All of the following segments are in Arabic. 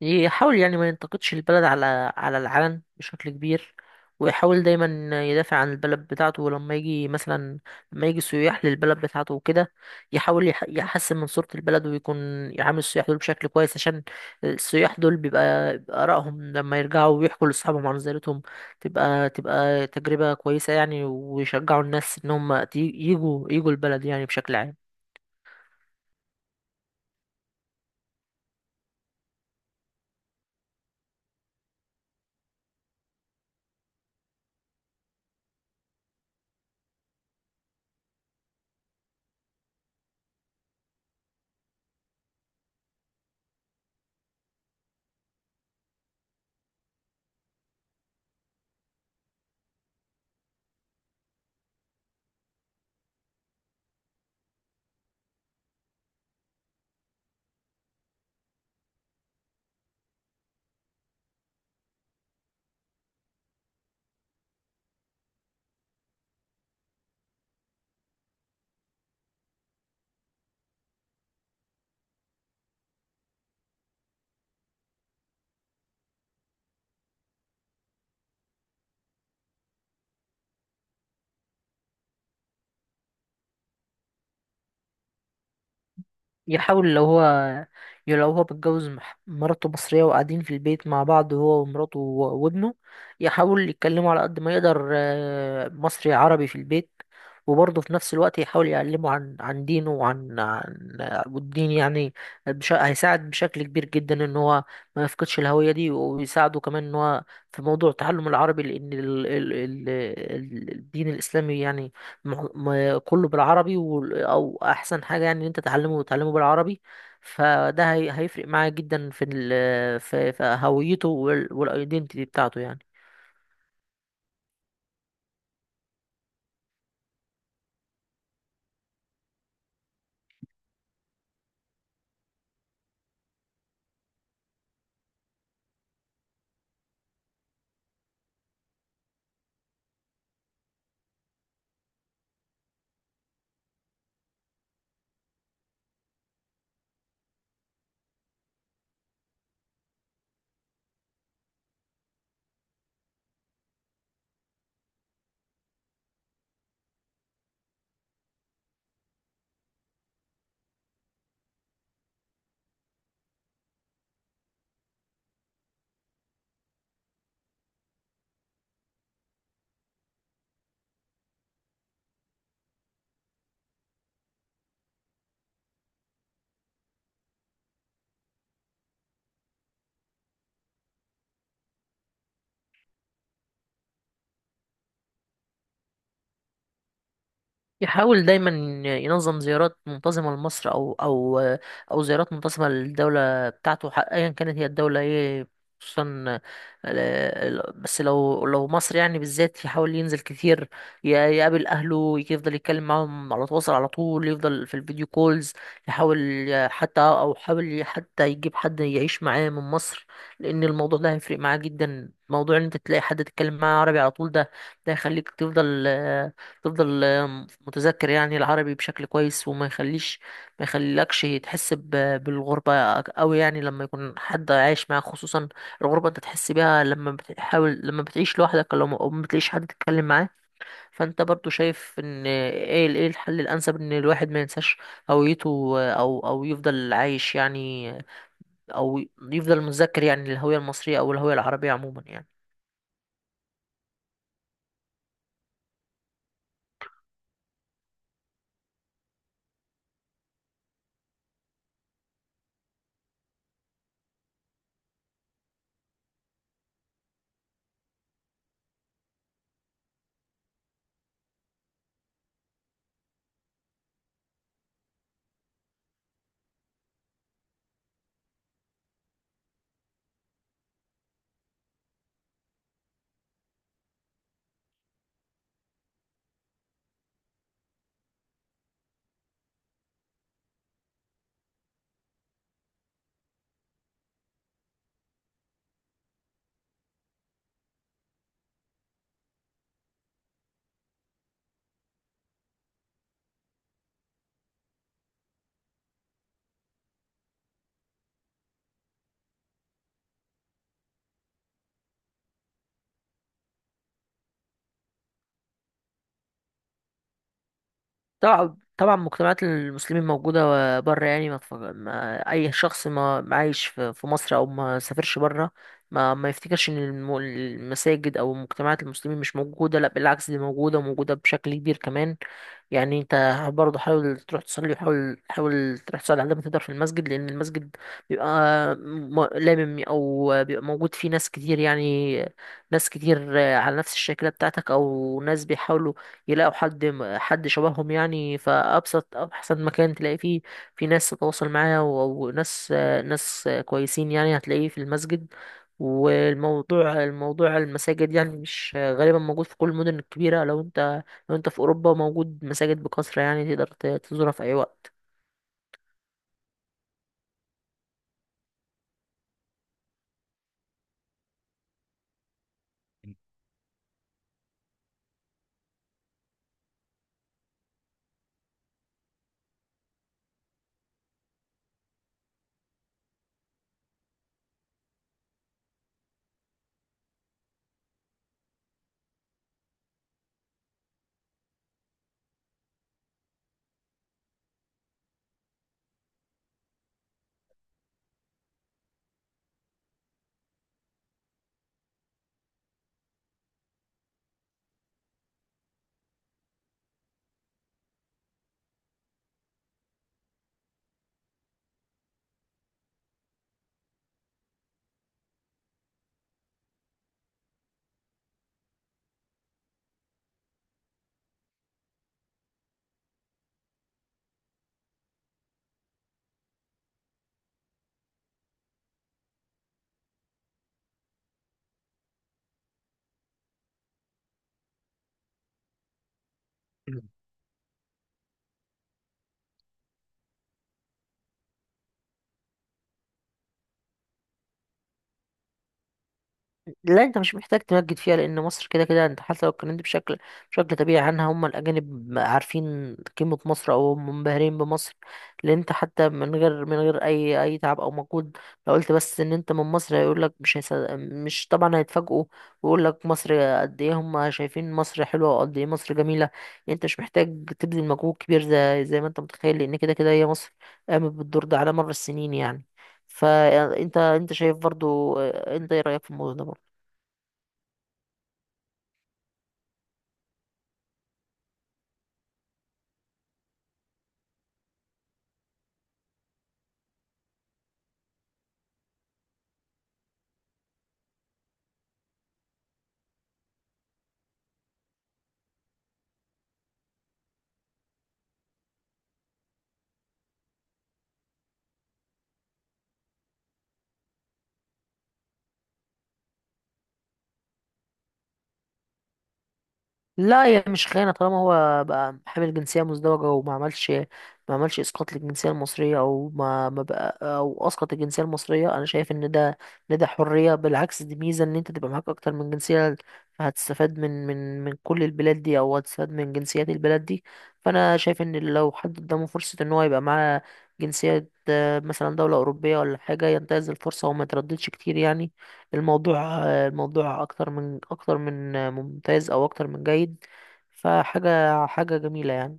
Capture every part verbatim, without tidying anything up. يحاول يعني ما ينتقدش البلد على على العلن بشكل كبير، ويحاول دايما يدافع عن البلد بتاعته. ولما يجي مثلا، لما يجي سياح للبلد بتاعته وكده، يحاول يح- يحسن من صورة البلد، ويكون يعامل السياح دول بشكل كويس، عشان السياح دول بيبقى بيبقى آرائهم لما يرجعوا ويحكوا لأصحابهم عن زيارتهم تبقى تبقى تجربة كويسة يعني، ويشجعوا الناس إن هم ت- يجوا يجوا البلد يعني بشكل عام. يحاول لو هو لو هو متجوز، مح- مراته مصرية وقاعدين في البيت مع بعض، هو ومراته و- وابنه، يحاول يتكلموا على قد ما يقدر آه، مصري عربي في البيت. وبرضه في نفس الوقت يحاول يعلمه عن عن دينه وعن عن آه، والدين يعني بش... هيساعد بشكل كبير جدا ان هو ما يفقدش الهوية دي، ويساعده كمان ان هو في موضوع تعلم العربي، لان ال... ال... ال... ال- الدين الاسلامي يعني آه، كله بالعربي، وال- او احسن حاجه يعني ان انت تتعلمه تتعلمه بالعربي. فده هي- هيفرق معاه جدا في ال في في هويته والايدنتيتي بتاعته يعني. يحاول دايما ينظم زيارات منتظمة لمصر، أو أو أو زيارات منتظمة للدولة بتاعته، ح- أيا كانت هي الدولة إيه. خصوصا ال- ال- بس لو لو مصر يعني بالذات، يحاول ينزل كتير، ي- يقابل أهله، يفضل يتكلم معاهم، على تواصل على طول، يفضل في الفيديو كولز. يحاول ي- حتى أو حاول ي- حتى يجيب حد يعيش معاه من مصر، لأن الموضوع ده هيفرق معاه جدا. موضوع إن أنت تلاقي حد تتكلم معاه عربي على طول، ده ده يخليك تفضل آه، تفضل آه، متذكر يعني العربي بشكل كويس، وما يخليش، ما يخليلكش تحس ب- بالغربة قوي يعني، لما يكون حد عايش معاك. خصوصا الغربة انت تحس بيها لما بتحاول، لما بتعيش لوحدك، لو ما- او ما بتلاقيش حد تتكلم معاه. فانت برضو شايف ان ايه ال- ايه الحل الانسب ان الواحد ما ينساش هويته، آه، او او يفضل عايش يعني، او يفضل متذكر يعني الهوية المصرية او الهوية العربية عموما يعني. طبعا طبعا مجتمعات المسلمين موجودة بره يعني. ما, تفك... ما أي شخص، ما ما عايش في في مصر أو ما سافرش بره، ما ما يفتكرش إن الم- المساجد أو مجتمعات المسلمين مش موجودة. لا، بالعكس، دي موجودة وموجودة بشكل كبير كمان يعني. أنت برضه حاول تروح تصلي، وحاول حاول تروح تصلي على قد ما تقدر في المسجد، لأن المسجد بيبقى م- لامم أو بيبقى موجود فيه ناس كتير يعني. ناس كتير على نفس الشكل بتاعتك، أو ناس بيحاولوا يلاقوا حد حد شبههم يعني. فأبسط أحسن مكان تلاقي فيه في ناس تتواصل معاها و- وناس ناس كويسين يعني، هتلاقيه في المسجد. والموضوع الموضوع المساجد يعني مش غالبا، موجود في كل المدن الكبيرة. لو انت لو انت في أوروبا، موجود مساجد بكثرة يعني، تقدر ت- تزورها في أي وقت. لا، انت مش محتاج تمجد فيها، لان مصر كده كده. انت حتى لو اتكلمت بشكل بشكل طبيعي عنها، هم الاجانب عارفين قيمه مصر، او هم منبهرين بمصر. لان انت حتى من غير من غير اي اي تعب او مجهود، لو قلت بس ان انت من مصر، هيقول لك، مش هيصدق، مش طبعا، هيتفاجئوا ويقول لك مصر قد ايه. هم شايفين مصر حلوه وقد ايه مصر جميله يعني. انت مش محتاج تبذل مجهود كبير زي زي ما انت متخيل، لان كده كده هي مصر قامت بالدور ده على مر السنين يعني. فانت انت شايف برضو، انت ايه رايك في الموضوع ده؟ لا، هي مش خيانة، طالما هو بقى حامل جنسية مزدوجة وما عملش، ما عملش إسقاط للجنسية المصرية، أو ما ما بقى أو أسقط الجنسية المصرية. أنا شايف إن ده إن ده حرية، بالعكس دي ميزة إن أنت تبقى معاك أكتر من جنسية، فهتستفاد من من من كل البلاد دي، أو هتستفاد من جنسيات البلاد دي. فأنا شايف إن لو حد قدامه فرصة إن هو يبقى معاه جنسية، آه، مثلا دولة أوروبية ولا حاجة، ينتهز الفرصة وما يترددش كتير يعني. الموضوع الموضوع اكتر من اكتر من ممتاز، او اكتر من جيد، فحاجه حاجه جميله يعني.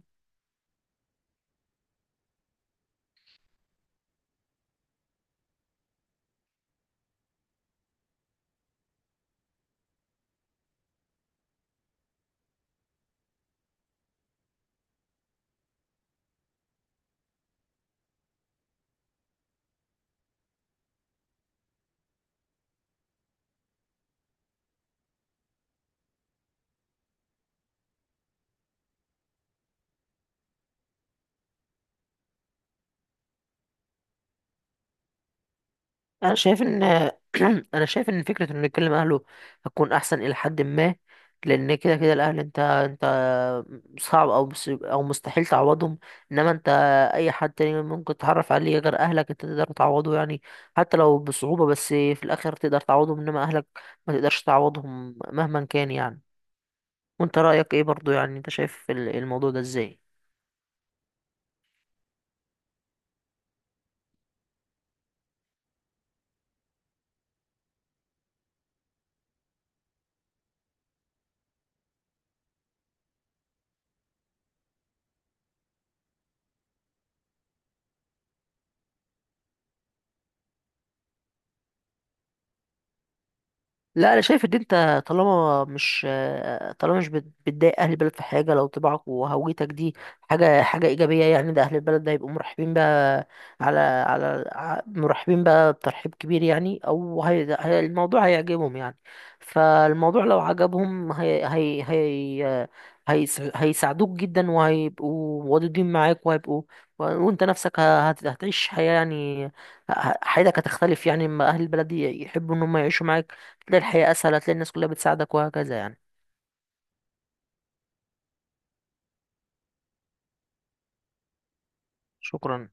انا شايف ان انا شايف ان فكره انه يكلم اهله هتكون احسن الى حد ما. لان كده كده الاهل، انت انت صعب او مس- او مستحيل تعوضهم. انما انت، اي حد تاني ممكن تتعرف عليه غير اهلك، انت تقدر تعوضه يعني، حتى لو بصعوبه، بس في الاخر تقدر تعوضهم. انما اهلك ما تقدرش تعوضهم مهما كان يعني. وانت رأيك ايه برضو يعني؟ انت شايف ال- الموضوع ده ازاي؟ لا، انا شايف ان انت طالما مش طالما مش بت- بتضايق اهل البلد في حاجه، لو طباعك وهويتك دي حاجه حاجه ايجابيه يعني، ده اهل البلد ده يبقوا مرحبين بقى، على على ع- مرحبين بقى بترحيب كبير يعني، او هي هي- الموضوع هيعجبهم يعني. فالموضوع لو عجبهم، هي هي هي هيس- هيساعدوك جدا، وهيبقوا ودودين معاك، وهيبقوا، وانت نفسك ه- هت- هتعيش حياه يعني. ه- حياتك هتختلف يعني، اما اهل البلد ي- يحبوا ان هم يعيشوا معاك، تلاقي الحياة أسهل، هتلاقي الناس كلها بتساعدك وهكذا يعني. شكرا.